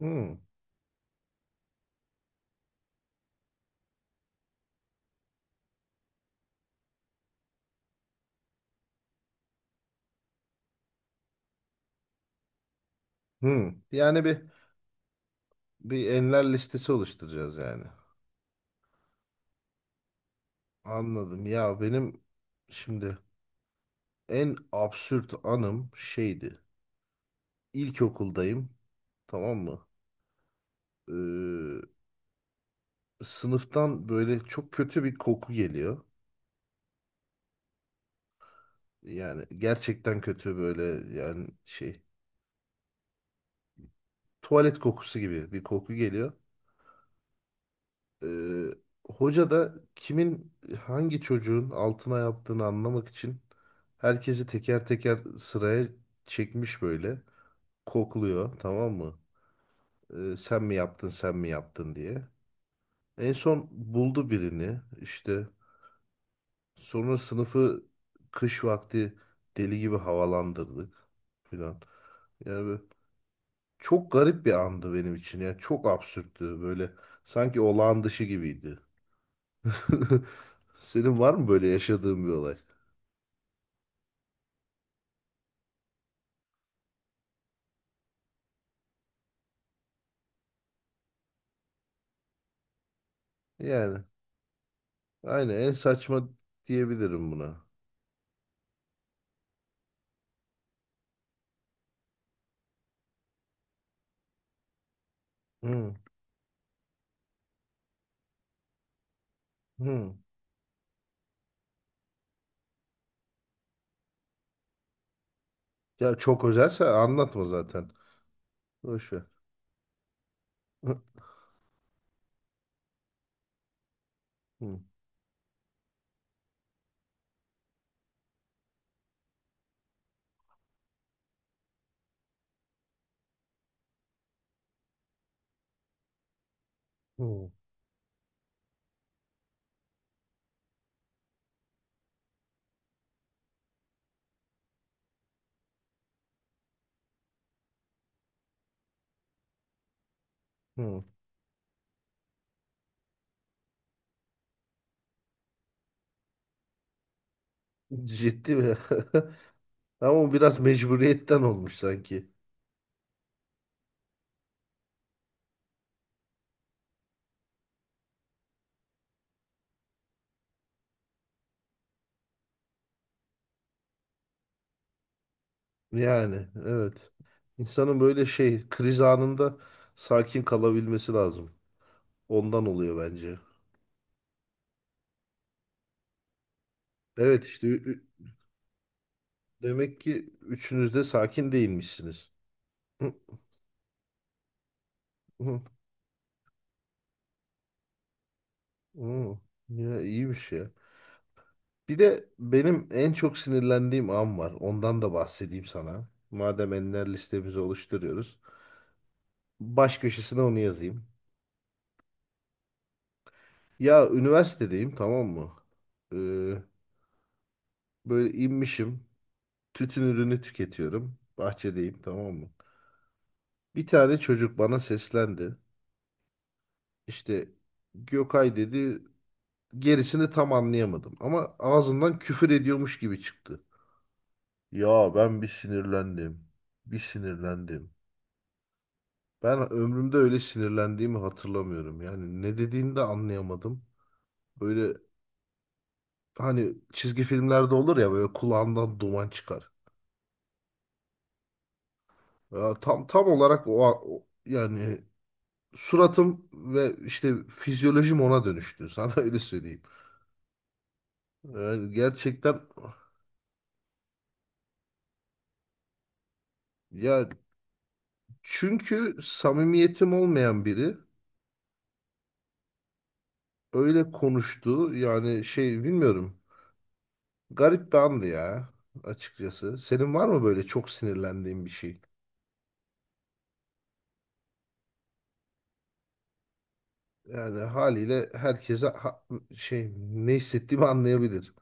Hmm, hmm. Yani bir enler listesi oluşturacağız yani. Anladım. Ya benim şimdi en absürt anım şeydi. İlkokuldayım. Tamam mı? Sınıftan böyle çok kötü bir koku geliyor. Yani gerçekten kötü böyle yani şey tuvalet kokusu gibi bir koku geliyor. Ee, Hoca da kimin hangi çocuğun altına yaptığını anlamak için herkesi teker teker sıraya çekmiş böyle. Kokluyor, tamam mı? Sen mi yaptın, sen mi yaptın diye. En son buldu birini işte. Sonra sınıfı kış vakti deli gibi havalandırdık filan. Yani böyle çok garip bir andı benim için ya. Çok absürttü böyle. Sanki olağan dışı gibiydi. Senin var mı böyle yaşadığın bir olay? Yani aynen en saçma diyebilirim buna. Hı, hı. Ya çok özelse anlatma zaten. Boş ver. Hı, hı, hı, hı. Ciddi mi? Ama o biraz mecburiyetten olmuş sanki. Yani evet. İnsanın böyle şey kriz anında sakin kalabilmesi lazım. Ondan oluyor bence. Evet işte demek ki üçünüz de sakin değilmişsiniz. Hı, hı. Oo, ya iyi bir şey. Bir de benim en çok sinirlendiğim an var. Ondan da bahsedeyim sana. Madem enler listemizi oluşturuyoruz. Baş köşesine onu yazayım. Ya üniversitedeyim, tamam mı? Ee, Böyle inmişim. Tütün ürünü tüketiyorum. Bahçedeyim, tamam mı? Bir tane çocuk bana seslendi. İşte Gökay dedi. Gerisini tam anlayamadım. Ama ağzından küfür ediyormuş gibi çıktı. Ya ben bir sinirlendim. Bir sinirlendim. Ben ömrümde öyle sinirlendiğimi hatırlamıyorum. Yani ne dediğini de anlayamadım. Böyle hani çizgi filmlerde olur ya, böyle kulağından duman çıkar. Ya tam olarak yani suratım ve işte fizyolojim ona dönüştü. Sana öyle söyleyeyim. Yani gerçekten ya çünkü samimiyetim olmayan biri öyle konuştu. Yani şey bilmiyorum. Garip bir andı ya açıkçası. Senin var mı böyle çok sinirlendiğin bir şey? Yani haliyle herkese şey ne hissettiğimi anlayabilir.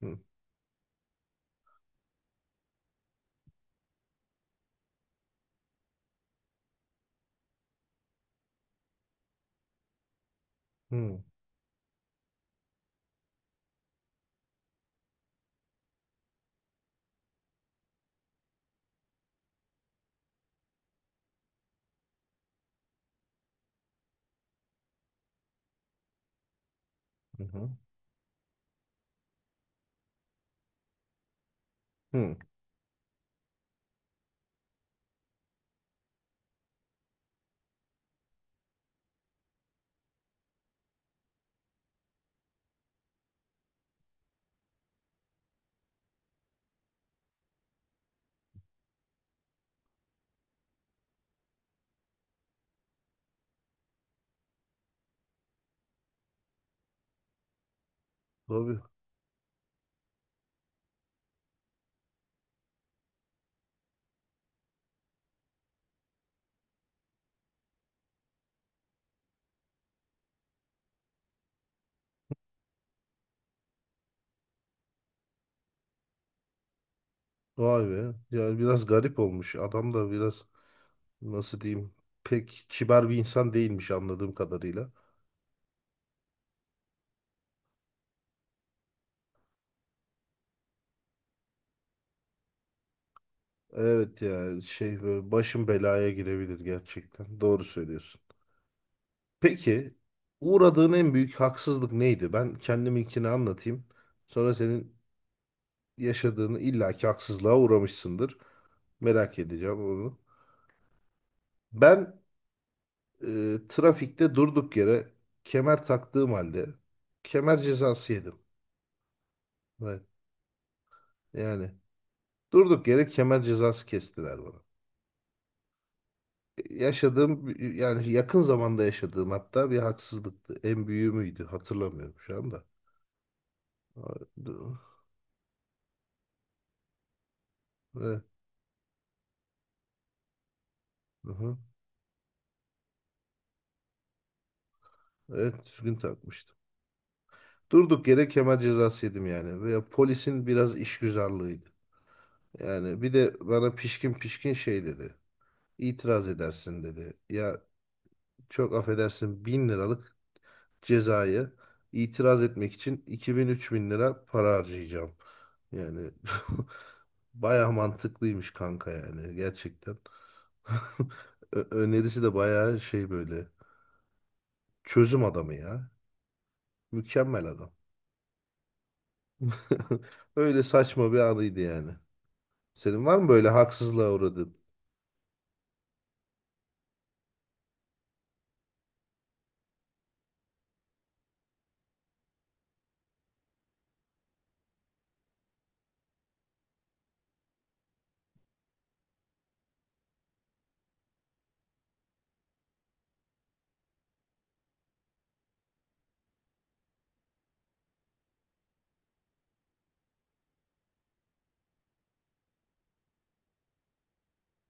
Hı hı, hı. Hı. Hı. Tabii. Vay be. Yani biraz garip olmuş. Adam da biraz nasıl diyeyim, pek kibar bir insan değilmiş anladığım kadarıyla. Evet ya, şey böyle başın belaya girebilir gerçekten. Doğru söylüyorsun. Peki uğradığın en büyük haksızlık neydi? Ben kendiminkini anlatayım. Sonra senin yaşadığını illaki haksızlığa uğramışsındır. Merak edeceğim onu. Ben trafikte durduk yere kemer taktığım halde kemer cezası yedim. Evet. Yani durduk yere kemer cezası kestiler bana. E, yaşadığım yani yakın zamanda yaşadığım hatta bir haksızlıktı. En büyüğü müydü? Hatırlamıyorum şu anda. du- Evet, hı hı. Evet, düzgün takmıştım. Durduk yere kemer cezası yedim yani. Veya polisin biraz işgüzarlığıydı. Yani bir de bana pişkin pişkin şey dedi. İtiraz edersin dedi. Ya çok affedersin, 1000 liralık cezayı itiraz etmek için 2000-3000 lira para harcayacağım. Yani baya mantıklıymış kanka yani gerçekten. Önerisi de baya şey, böyle çözüm adamı ya. Mükemmel adam. Öyle saçma bir anıydı yani. Senin var mı böyle haksızlığa uğradığın?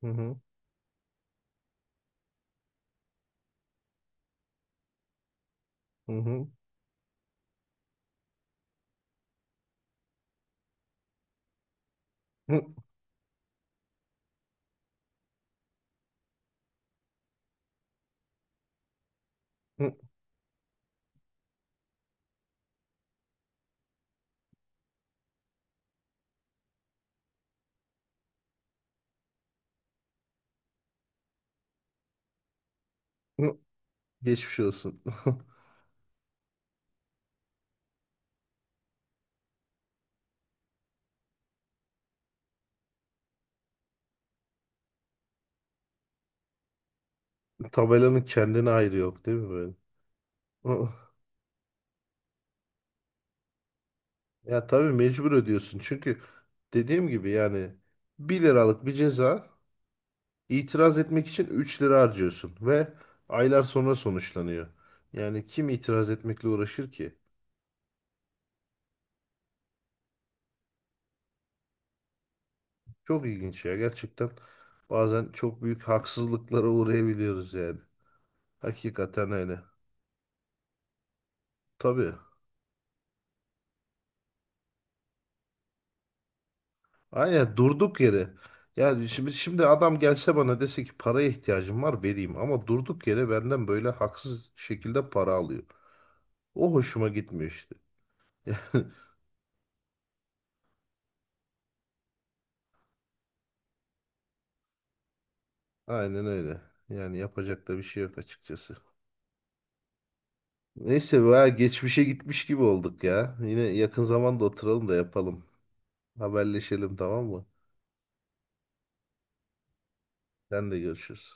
Hı hı, hı hı, hı, hı, hı. Geçmiş olsun. Tabelanın kendine ayrı yok değil mi böyle? Ya tabii mecbur ödüyorsun. Çünkü dediğim gibi yani bir liralık bir ceza itiraz etmek için 3 lira harcıyorsun ve aylar sonra sonuçlanıyor. Yani kim itiraz etmekle uğraşır ki? Çok ilginç ya gerçekten. Bazen çok büyük haksızlıklara uğrayabiliyoruz yani. Hakikaten öyle. Tabii. Aynen, durduk yere. Yani şimdi adam gelse bana dese ki paraya ihtiyacım var, vereyim, ama durduk yere benden böyle haksız şekilde para alıyor. O hoşuma gitmiyor işte. Aynen öyle. Yani yapacak da bir şey yok açıkçası. Neyse, veya geçmişe gitmiş gibi olduk ya. Yine yakın zamanda oturalım da yapalım. Haberleşelim tamam mı? Sen de görüşürüz.